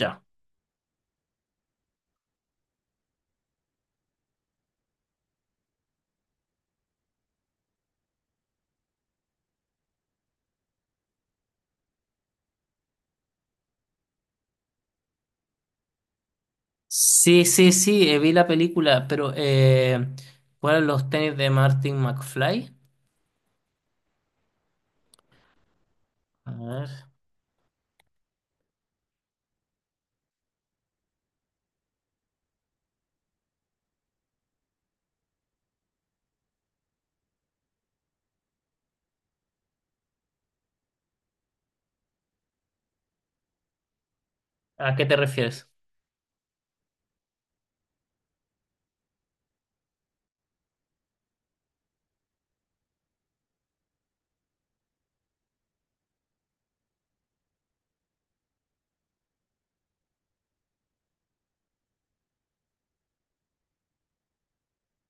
Ya. Sí, sí, sí, vi la película, pero ¿cuáles los tenis de Martin McFly? A ver, ¿a qué te refieres?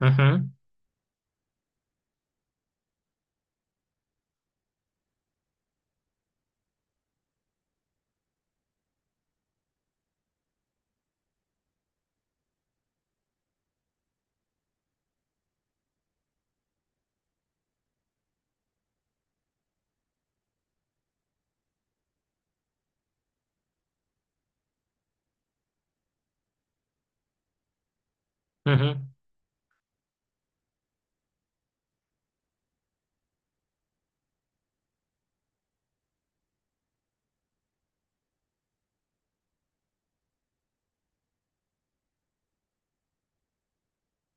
Ujú, ujú.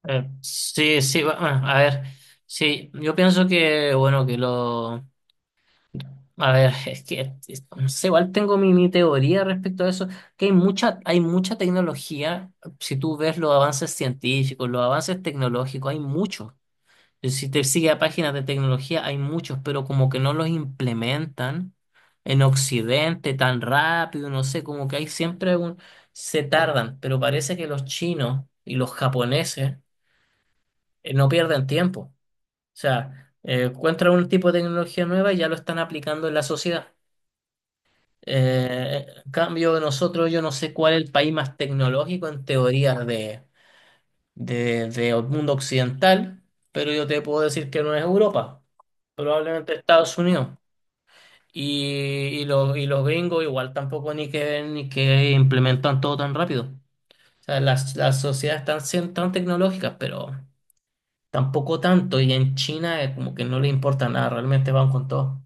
Sí, sí, a ver, sí, yo pienso que, bueno, que lo. A ver, es que, no sé, igual tengo mi teoría respecto a eso, que hay mucha tecnología, si tú ves los avances científicos, los avances tecnológicos, hay muchos. Si te sigue a páginas de tecnología, hay muchos, pero como que no los implementan en Occidente tan rápido, no sé, como que hay siempre un. Se tardan, pero parece que los chinos y los japoneses, no pierden tiempo. O sea, encuentran un tipo de tecnología nueva y ya lo están aplicando en la sociedad. En cambio, nosotros, yo no sé cuál es el país más tecnológico en teoría de mundo occidental, pero yo te puedo decir que no es Europa. Probablemente Estados Unidos. Y los gringos igual tampoco ni que implementan todo tan rápido. O sea, las sociedades están siendo tan tecnológicas, pero tampoco tanto. Y en China, como que no le importa nada, realmente van con todo.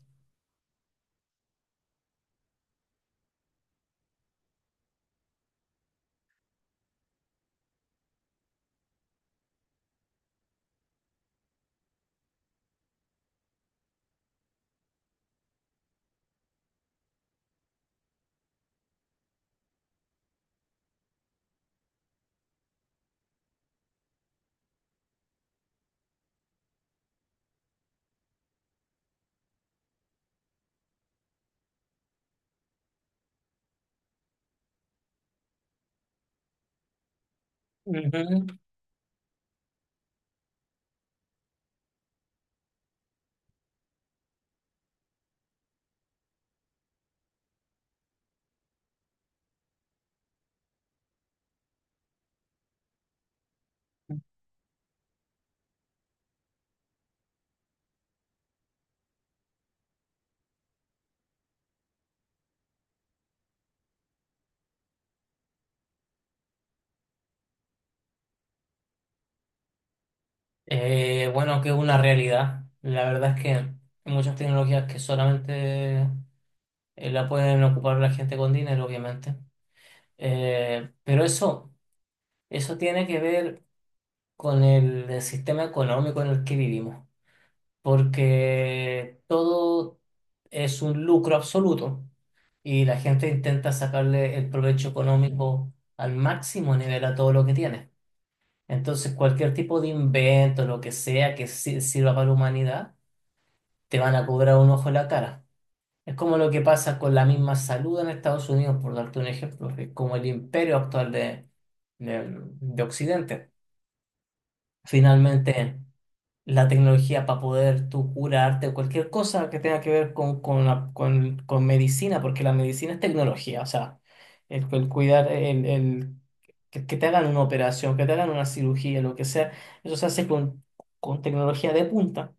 Ujú. Bueno, que es una realidad. La verdad es que hay muchas tecnologías que solamente, la pueden ocupar la gente con dinero, obviamente. Pero eso, eso tiene que ver con el sistema económico en el que vivimos, porque todo es un lucro absoluto y la gente intenta sacarle el provecho económico al máximo nivel a todo lo que tiene. Entonces, cualquier tipo de invento, lo que sea que sirva para la humanidad, te van a cobrar un ojo en la cara. Es como lo que pasa con la misma salud en Estados Unidos, por darte un ejemplo, que es como el imperio actual de de Occidente. Finalmente. La tecnología para poder tú curarte o cualquier cosa que tenga que ver con medicina, porque la medicina es tecnología, o sea, el cuidar, que te hagan una operación, que te hagan una cirugía, lo que sea, eso se hace con tecnología de punta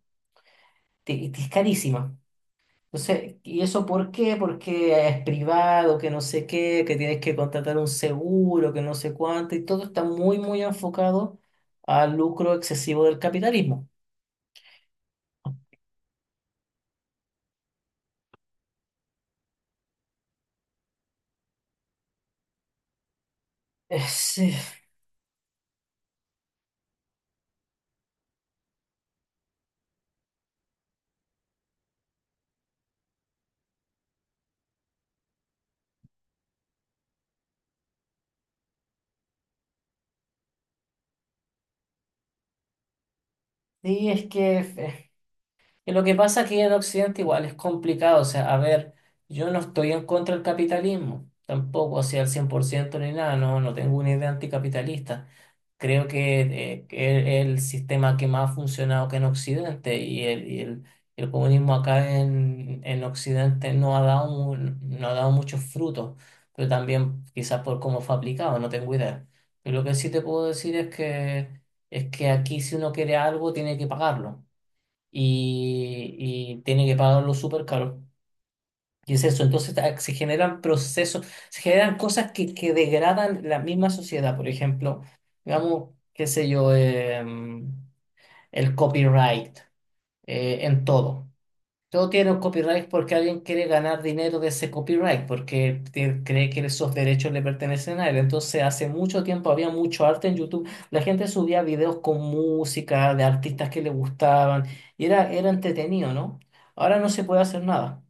y te es carísima. Entonces, ¿y eso por qué? Porque es privado, que no sé qué, que tienes que contratar un seguro, que no sé cuánto, y todo está muy, muy enfocado al lucro excesivo del capitalismo. Sí. Sí, es que, y lo que pasa aquí en Occidente igual es complicado, o sea, a ver, yo no estoy en contra del capitalismo, tampoco, o sea, al 100% ni nada, no tengo una idea anticapitalista. Creo que, que es el sistema que más ha funcionado que en Occidente y el comunismo acá en Occidente no ha dado, no ha dado muchos frutos, pero también quizás por cómo fue aplicado, no tengo idea. Pero lo que sí te puedo decir es que aquí si uno quiere algo tiene que pagarlo y, y tiene que pagarlo súper caro. Y es eso, entonces, se generan procesos, se generan cosas que degradan la misma sociedad, por ejemplo, digamos, qué sé yo, el copyright, en todo. Todo tiene un copyright porque alguien quiere ganar dinero de ese copyright, porque cree que esos derechos le pertenecen a él. Entonces, hace mucho tiempo había mucho arte en YouTube. La gente subía videos con música de artistas que le gustaban y era entretenido, ¿no? Ahora no se puede hacer nada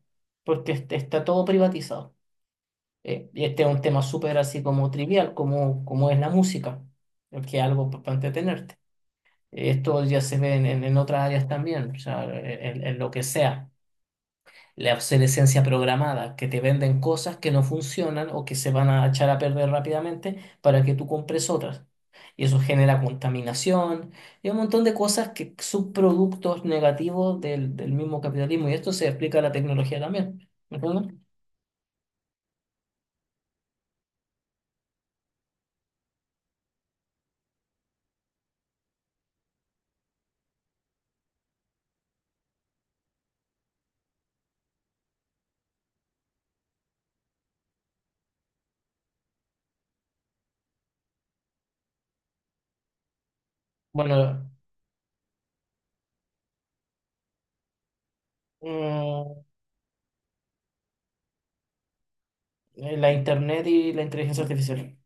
porque está todo privatizado. ¿Eh? Y este es un tema súper así como trivial, como es la música, que es algo para entretenerte. Esto ya se ve en otras áreas también, o sea, en lo que sea. La obsolescencia programada, que te venden cosas que no funcionan o que se van a echar a perder rápidamente para que tú compres otras. Y eso genera contaminación y un montón de cosas que son productos negativos del mismo capitalismo. Y esto se explica a la tecnología también. ¿Me entiendes? Bueno, mm, la internet y la inteligencia artificial.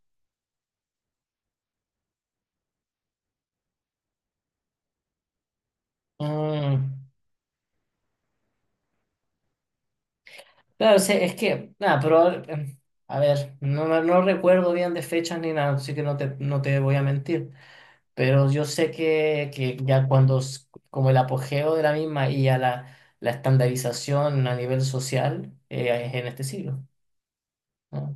Mm, claro, sí, es que, nada, pero, a ver, no recuerdo bien de fechas ni nada, así que no te voy a mentir. Pero yo sé que ya como el apogeo de la misma y a la estandarización a nivel social, es en este siglo, ¿no?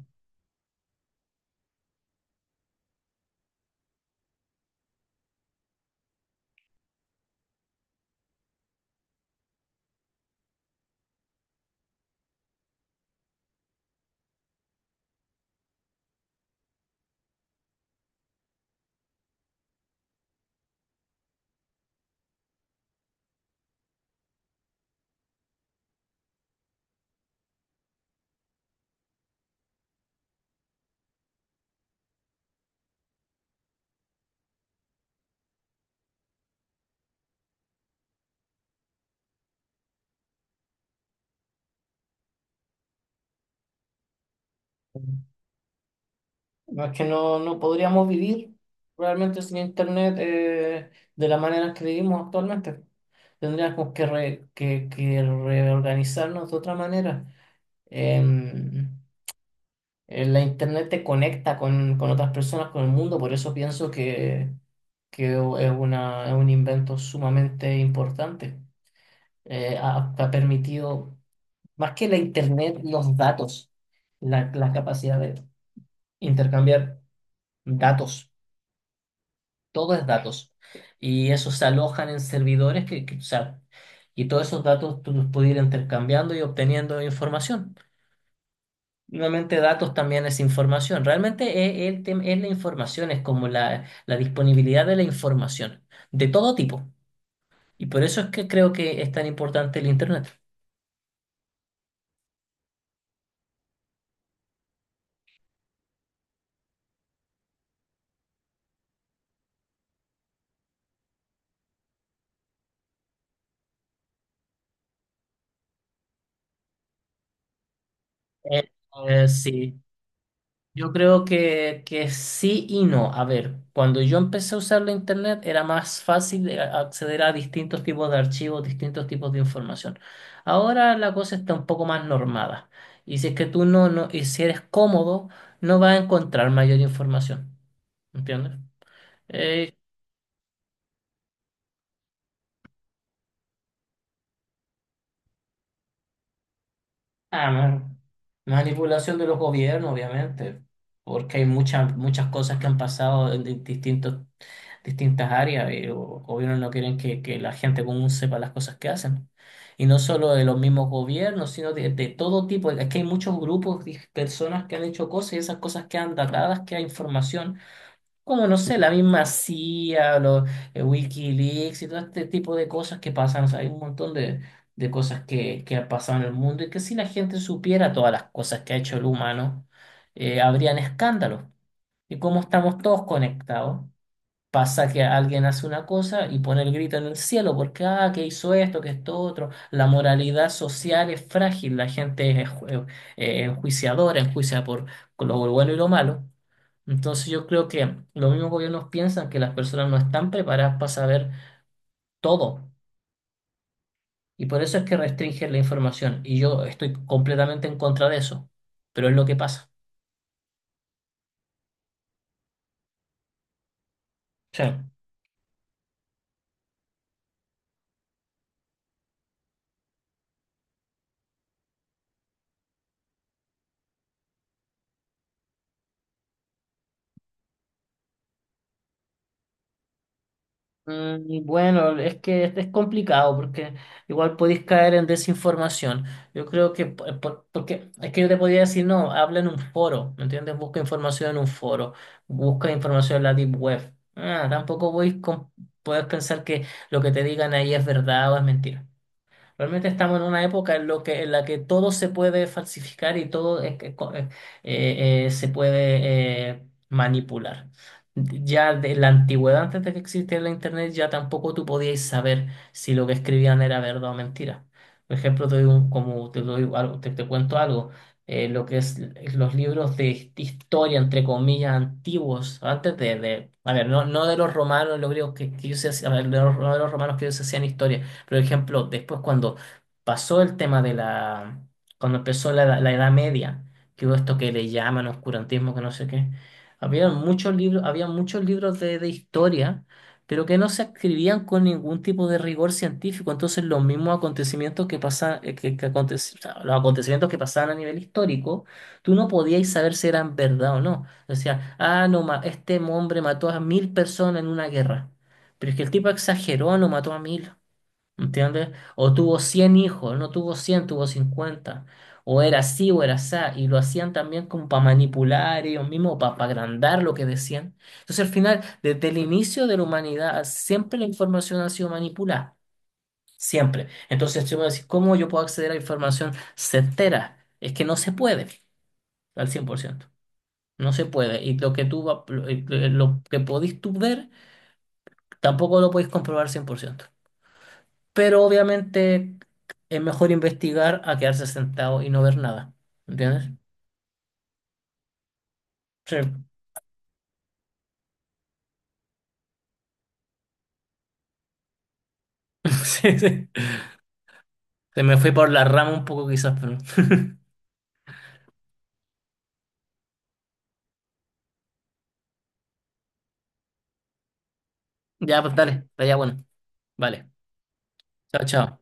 No es que no podríamos vivir realmente sin Internet, de la manera que vivimos actualmente. Tendríamos que reorganizarnos de otra manera. La internet te conecta con otras personas, con el mundo, por eso pienso que es un invento sumamente importante. Ha permitido, más que la internet, los datos, la capacidad de intercambiar datos, todo es datos. Y esos se alojan en servidores o sea, y todos esos datos tú los puedes ir intercambiando y obteniendo información. Nuevamente, datos también es información. Realmente es la información, es como la disponibilidad de la información, de todo tipo. Y por eso es que creo que es tan importante el Internet. Eh, sí. Yo creo que sí y no. A ver, cuando yo empecé a usar la internet era más fácil de acceder a distintos tipos de archivos, distintos tipos de información. Ahora la cosa está un poco más normada. Y si es que tú no, y si eres cómodo, no vas a encontrar mayor información. ¿Entiendes? Eh, Ah, man- Manipulación de los gobiernos, obviamente, porque hay muchas muchas cosas que han pasado en distintas áreas y los gobiernos no quieren que la gente común sepa las cosas que hacen. Y no solo de los mismos gobiernos, sino de todo tipo. Es que hay muchos grupos de personas que han hecho cosas y esas cosas quedan datadas, queda información como no sé, la misma CIA, los, WikiLeaks y todo este tipo de cosas que pasan. O sea, hay un montón de cosas que han pasado en el mundo y que si la gente supiera todas las cosas que ha hecho el humano, habrían escándalos. Y como estamos todos conectados, pasa que alguien hace una cosa y pone el grito en el cielo porque, ah, que hizo esto, que esto otro. La moralidad social es frágil, la gente es enjuiciadora, enjuicia por lo bueno y lo malo. Entonces yo creo que los mismos gobiernos piensan que las personas no están preparadas para saber todo y por eso es que restringen la información y yo estoy completamente en contra de eso, pero es lo que pasa. Sí. Y bueno, es que es complicado porque igual podéis caer en desinformación. Yo creo que, porque es que yo te podría decir, no, habla en un foro, ¿me entiendes? Busca información en un foro, busca información en la deep web. Ah, tampoco voy con, puedes pensar que lo que te digan ahí es verdad o es mentira. Realmente estamos en una época en la que todo se puede falsificar y todo es que, se puede, manipular. Ya de la antigüedad, antes de que existiera la internet, ya tampoco tú podías saber si lo que escribían era verdad o mentira. Por ejemplo, te doy como te doy algo, te cuento algo. Lo que es los libros de historia, entre comillas, antiguos, antes a ver, no de los romanos, los griegos que ellos se hacían, a ver, de los, no de los romanos que ellos hacían historia por ejemplo, después cuando pasó el tema cuando empezó la Edad Media, que hubo esto que le llaman oscurantismo, que no sé qué, había muchos libros de historia, pero que no se escribían con ningún tipo de rigor científico. Entonces, los mismos acontecimientos que pasaban, o sea, los acontecimientos que pasaban a nivel histórico, tú no podías saber si eran verdad o no. Decía, ah, no, este hombre mató a 1.000 personas en una guerra. Pero es que el tipo exageró, no mató a 1.000. ¿Entiendes? O tuvo 100 hijos, no tuvo 100, tuvo 50. O era así o era así. Y lo hacían también como para manipular ellos mismos, para, agrandar lo que decían. Entonces, al final, desde el inicio de la humanidad, siempre la información ha sido manipulada. Siempre. Entonces, si me decís, ¿cómo yo puedo acceder a información certera? Es que no se puede al 100%. No se puede. Y lo que lo que podís tú ver, tampoco lo podéis comprobar 100%, pero obviamente es mejor investigar a quedarse sentado y no ver nada. ¿Entiendes? Sí. Sí, sí. Se me fue por la rama un poco quizás, pero ya, pues dale, está ya bueno. Vale. Chao, chao.